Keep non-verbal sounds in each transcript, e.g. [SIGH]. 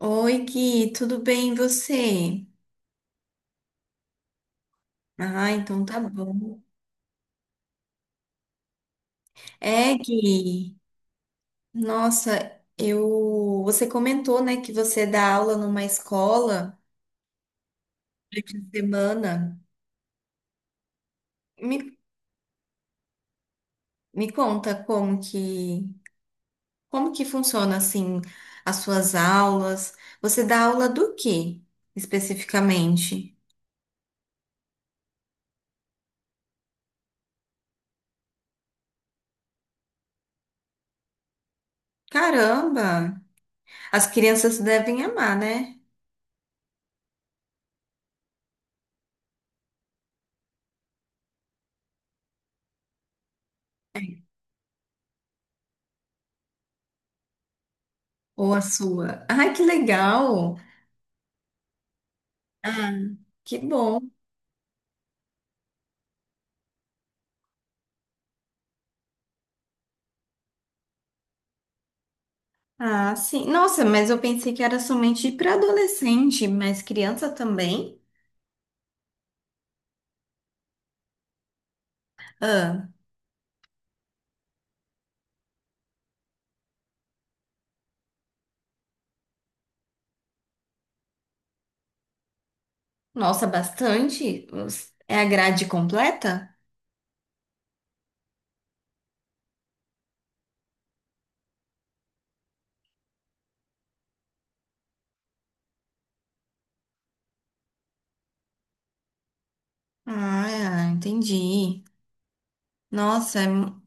Oi, Gui, tudo bem e você? Ah, então tá bom. É, Gui, nossa, você comentou, né, que você dá aula numa escola durante a semana. Me, me conta como que funciona assim as suas aulas? Você dá aula do quê especificamente? Caramba, as crianças devem amar, né? Ou a sua? Ai, que legal! Ah, que bom. Ah, sim. Nossa, mas eu pensei que era somente para adolescente, mas criança também? Ah, nossa, bastante? É a grade completa? Ah, entendi. Nossa,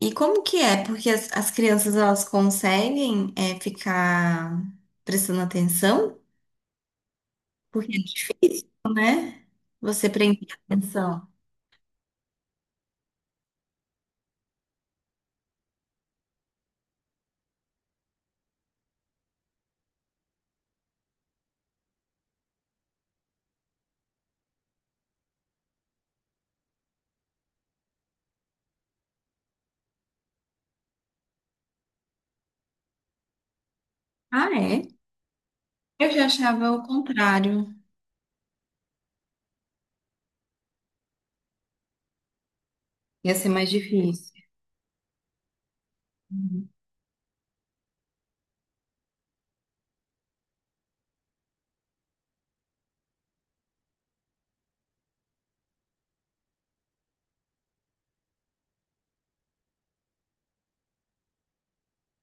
e como que é? Porque as crianças elas conseguem é, ficar prestando atenção? Porque é difícil, né? Você prender atenção. Ah, é? Eu já achava o contrário. Ia ser mais difícil.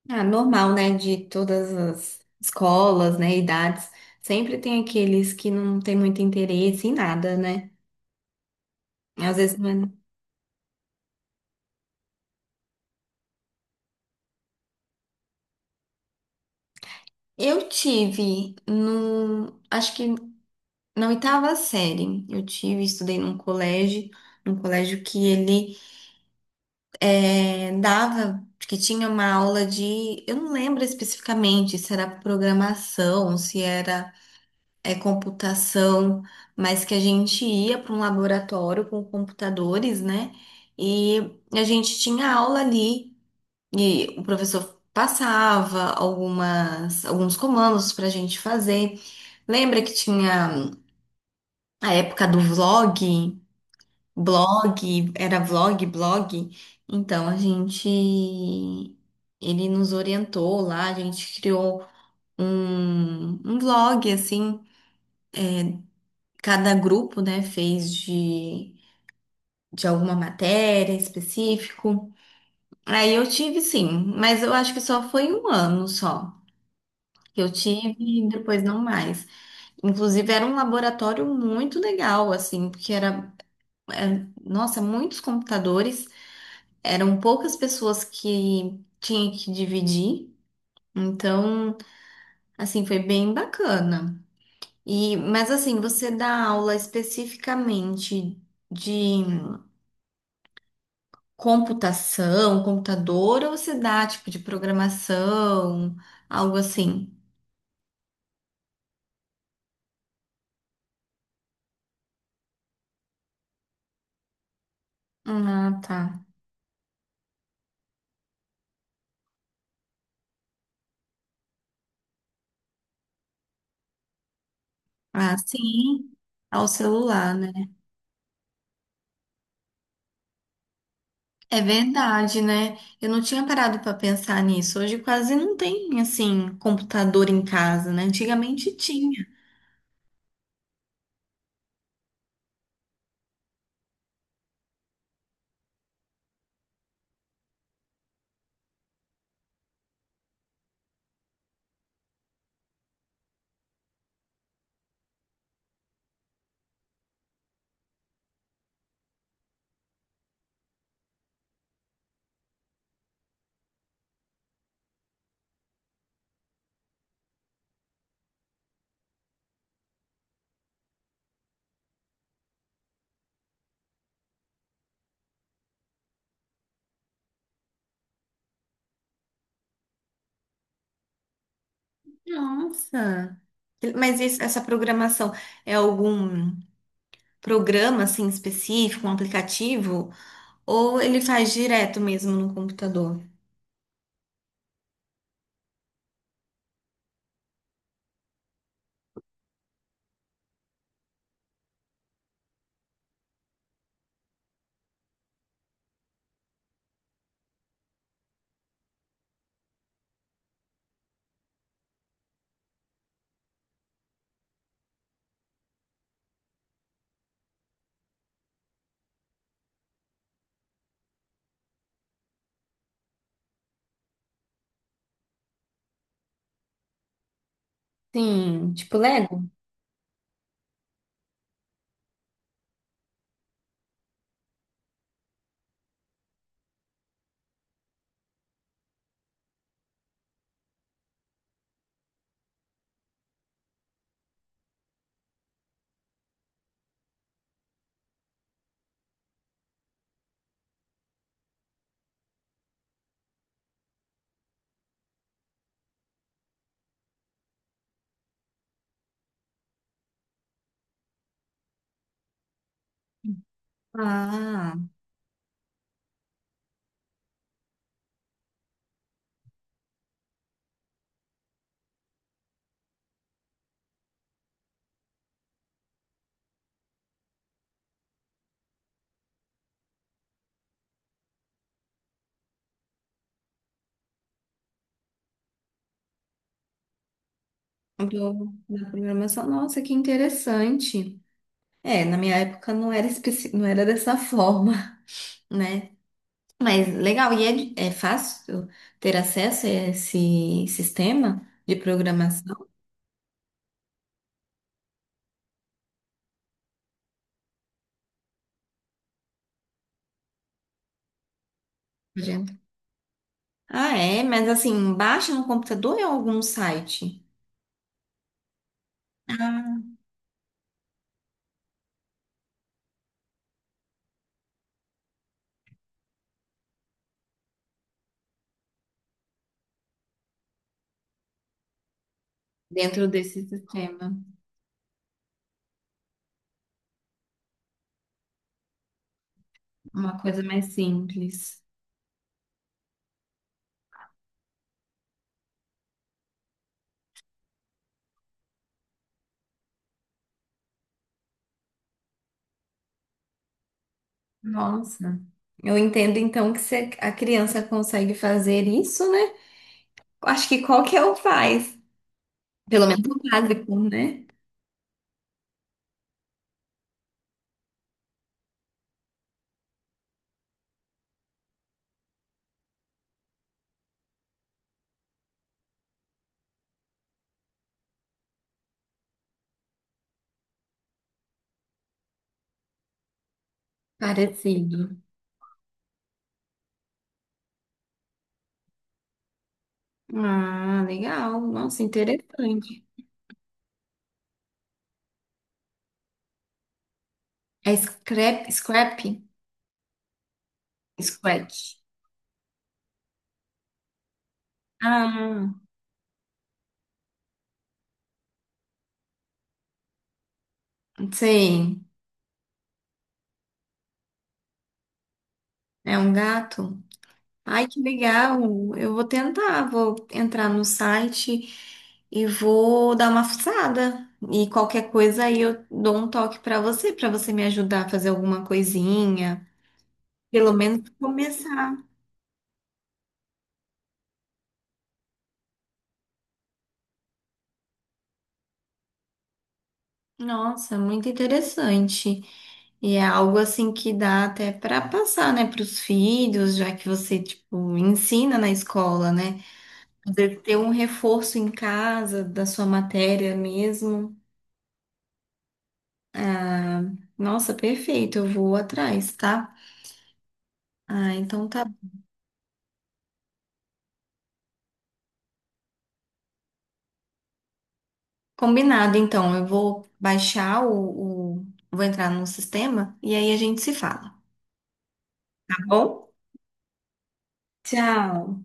Ah, normal, né? De todas as escolas, né? Idades. Sempre tem aqueles que não têm muito interesse em nada, né? Às vezes não é- Eu tive no, acho que na oitava série, eu tive, estudei num colégio que eh, dava, que tinha uma aula de, eu não lembro especificamente se era programação, se era computação, mas que a gente ia para um laboratório com computadores, né? E a gente tinha aula ali e o professor passava algumas alguns comandos para a gente fazer. Lembra que tinha a época do vlog, blog, era vlog, blog? Então a gente ele nos orientou lá, a gente criou um vlog assim. Cada grupo, né, fez de alguma matéria específico. Aí eu tive sim, mas eu acho que só foi um ano só que eu tive e depois não mais. Inclusive era um laboratório muito legal, assim, porque nossa, muitos computadores, eram poucas pessoas que tinha que dividir. Então, assim, foi bem bacana. E, mas assim, você dá aula especificamente de computação, computador, ou se dá tipo de programação, algo assim? Ah, tá. Ah, sim, ao celular, né? É verdade, né? Eu não tinha parado para pensar nisso. Hoje quase não tem, assim, computador em casa, né? Antigamente tinha. Nossa. Mas essa programação é algum programa, assim, específico, um aplicativo? Ou ele faz direto mesmo no computador? Sim, tipo Lego? Ah. Do, da programação. Nossa, que interessante. É, na minha época não era, não era dessa forma, [LAUGHS] né? Mas legal, é fácil ter acesso a esse sistema de programação, gente? Ah, é, mas assim, baixa no computador ou em algum site? Ah, dentro desse sistema? Uma coisa mais simples. Nossa. Eu entendo então que se a criança consegue fazer isso, né? Acho que qualquer um faz. Pelo menos o básico, né? Parecido. Ah, legal. Nossa, interessante. É scrap, scrap? Scratch. Ah, sei. É um gato. Ai, que legal. Eu vou tentar. Vou entrar no site e vou dar uma fuçada. E qualquer coisa aí eu dou um toque pra você me ajudar a fazer alguma coisinha. Pelo menos começar. Nossa, muito interessante. E é algo assim que dá até para passar, né, para os filhos, já que você, tipo, ensina na escola, né? Poder ter um reforço em casa da sua matéria mesmo. Ah, nossa, perfeito, eu vou atrás, tá? Ah, então tá combinado. Então, eu vou baixar o... Vou entrar no sistema e aí a gente se fala, tá bom? Tchau!